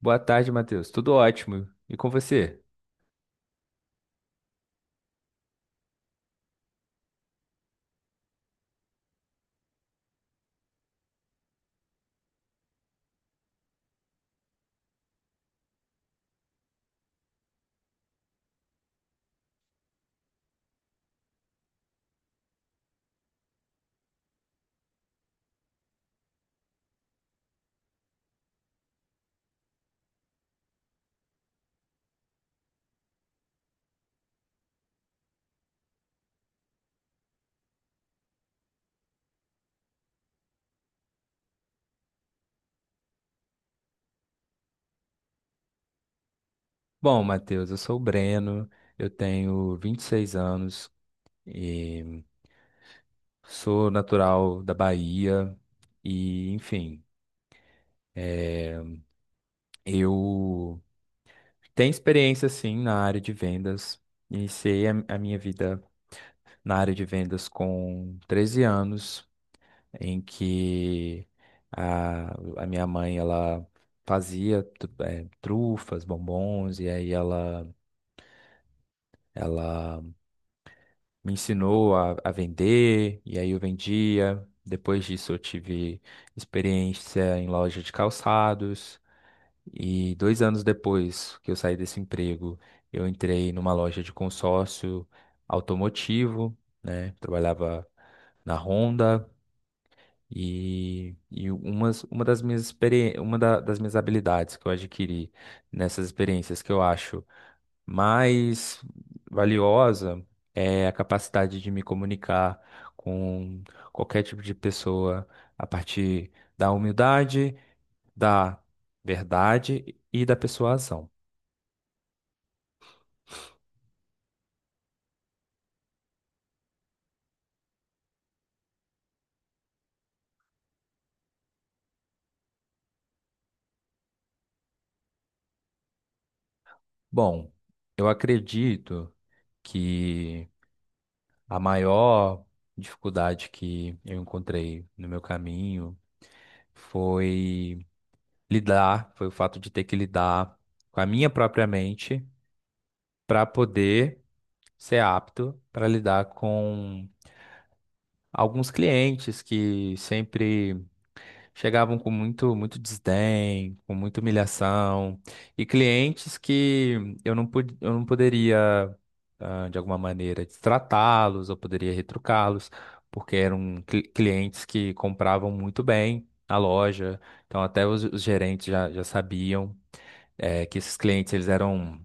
Boa tarde, Matheus. Tudo ótimo. E com você? Bom, Matheus, eu sou o Breno, eu tenho 26 anos e sou natural da Bahia e, enfim, eu tenho experiência sim na área de vendas. Iniciei a minha vida na área de vendas com 13 anos, em que a, a minha mãe ela fazia trufas, bombons, e aí ela me ensinou a vender, e aí eu vendia. Depois disso, eu tive experiência em loja de calçados. E 2 anos depois que eu saí desse emprego, eu entrei numa loja de consórcio automotivo, né? Trabalhava na Honda. E umas, uma das minhas experi- uma da- das minhas habilidades que eu adquiri nessas experiências, que eu acho mais valiosa é a capacidade de me comunicar com qualquer tipo de pessoa a partir da humildade, da verdade e da persuasão. Bom, eu acredito que a maior dificuldade que eu encontrei no meu caminho foi foi o fato de ter que lidar com a minha própria mente para poder ser apto para lidar com alguns clientes que sempre chegavam com muito, muito desdém, com muita humilhação, e clientes que eu não poderia, de alguma maneira, tratá-los, eu poderia retrucá-los, porque eram clientes que compravam muito bem na loja, então até os gerentes já sabiam, que esses clientes, eles eram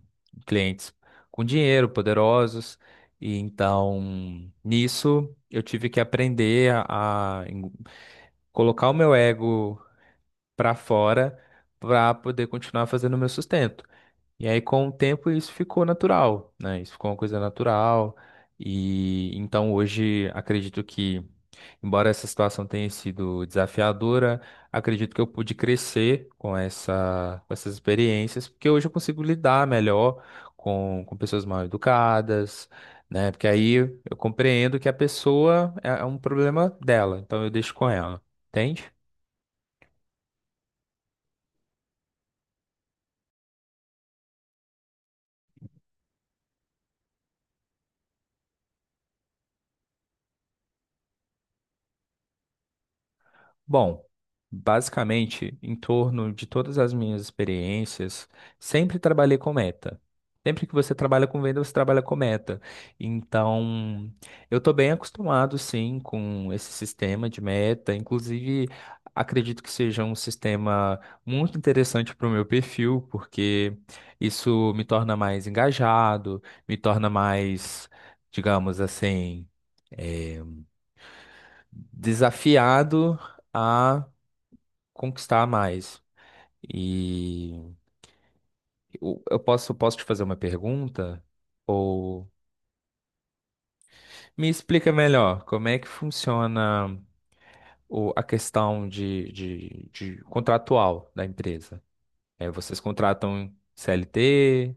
clientes com dinheiro, poderosos. E então, nisso, eu tive que aprender a colocar o meu ego para fora para poder continuar fazendo o meu sustento. E aí, com o tempo, isso ficou natural, né? Isso ficou uma coisa natural. E então hoje acredito que, embora essa situação tenha sido desafiadora, acredito que eu pude crescer com com essas experiências, porque hoje eu consigo lidar melhor com pessoas mal educadas, né? Porque aí eu compreendo que a pessoa é um problema dela, então eu deixo com ela, entende? Bom, basicamente, em torno de todas as minhas experiências, sempre trabalhei com meta. Sempre que você trabalha com venda, você trabalha com meta. Então, eu estou bem acostumado, sim, com esse sistema de meta. Inclusive, acredito que seja um sistema muito interessante para o meu perfil, porque isso me torna mais engajado, me torna mais, digamos assim, eh, desafiado a conquistar mais. E eu posso te fazer uma pergunta? Ou me explica melhor como é que funciona a questão de contratual da empresa. É, vocês contratam CLT,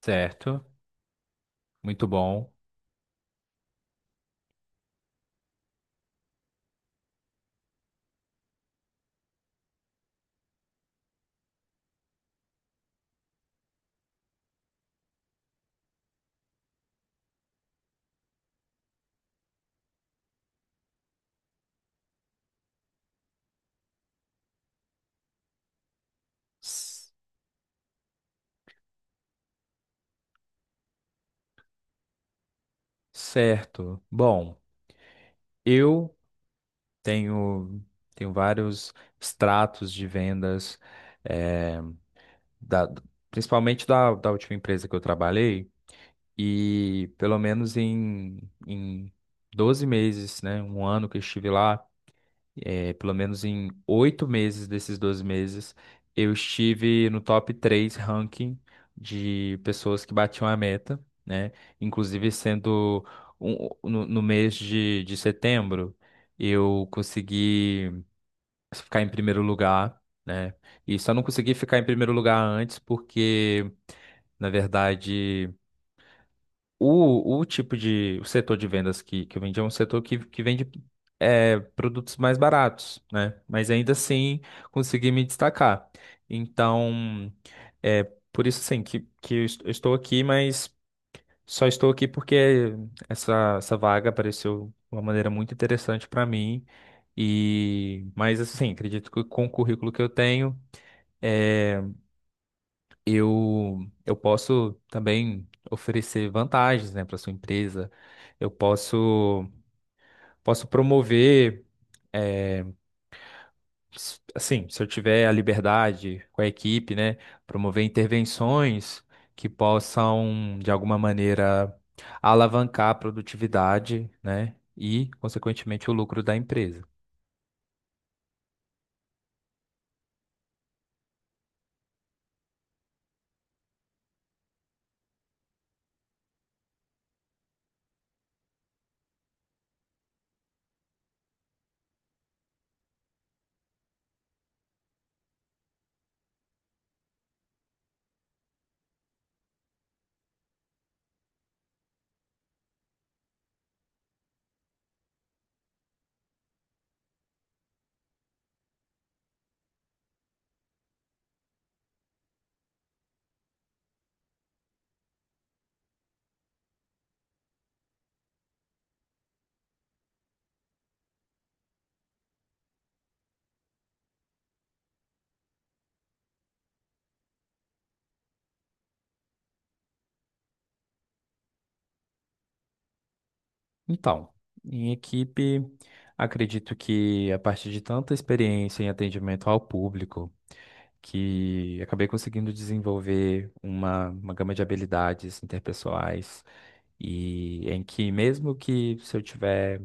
certo? Muito bom. S- Certo. Bom, eu tenho, tenho vários extratos de vendas, é, da, principalmente da última empresa que eu trabalhei. E pelo menos em 12 meses, né? Um ano que eu estive lá, é pelo menos em 8 meses desses 12 meses, eu estive no top 3 ranking de pessoas que batiam a meta, né? Inclusive sendo no mês de setembro, eu consegui ficar em primeiro lugar, né? E só não consegui ficar em primeiro lugar antes porque... Na verdade, o setor de vendas que eu vendi é um setor que vende, produtos mais baratos, né? Mas ainda assim consegui me destacar. Então, é por isso assim que eu eu estou aqui, mas só estou aqui porque essa vaga apareceu de uma maneira muito interessante para mim. E, mas assim, acredito que com o currículo que eu tenho, é, eu, eu posso também oferecer vantagens, né, para sua empresa. Eu posso promover, eh, assim, se eu tiver a liberdade com a equipe, né, promover intervenções que possam, de alguma maneira, alavancar a produtividade, né, e, consequentemente, o lucro da empresa. Então, em equipe, acredito que, a partir de tanta experiência em atendimento ao público, que acabei conseguindo desenvolver uma gama de habilidades interpessoais, e em que mesmo que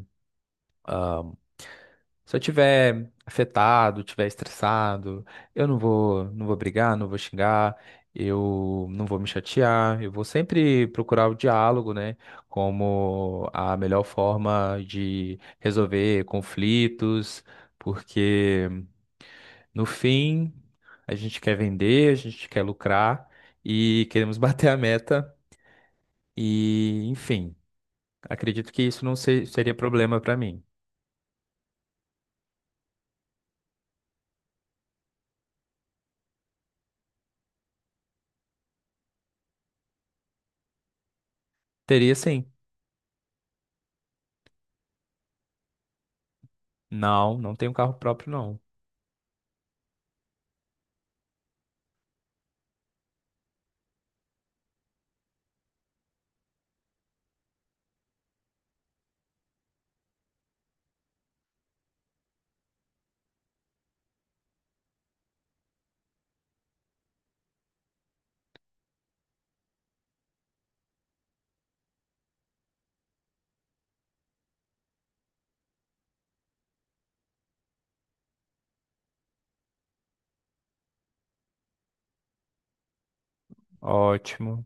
se eu tiver afetado, tiver estressado, eu não vou brigar, não vou xingar, eu não vou me chatear, eu vou sempre procurar o diálogo, né, como a melhor forma de resolver conflitos, porque, no fim, a gente quer vender, a gente quer lucrar e queremos bater a meta e, enfim, acredito que isso não seria problema para mim. Teria sim. Não, não tenho carro próprio, não. Ótimo.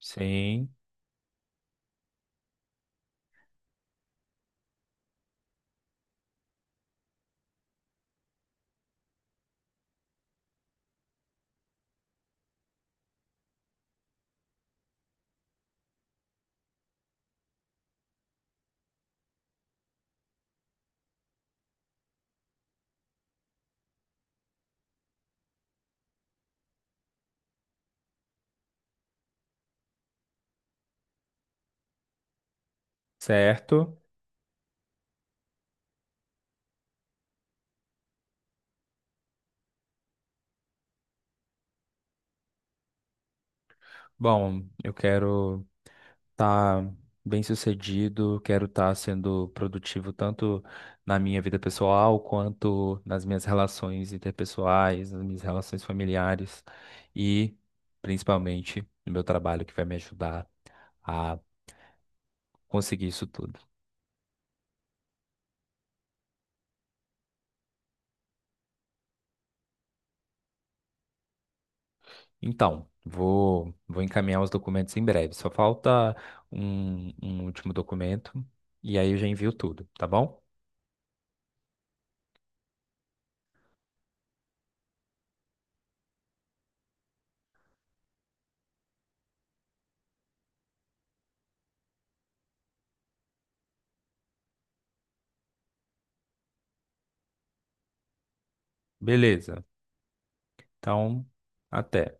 Sim, certo. Bom, eu quero tá bem sucedido, quero estar sendo produtivo tanto na minha vida pessoal quanto nas minhas relações interpessoais, nas minhas relações familiares e principalmente no meu trabalho, que vai me ajudar a conseguir isso tudo. Então, vou encaminhar os documentos em breve. Só falta um último documento e aí eu já envio tudo, tá bom? Beleza. Então, até.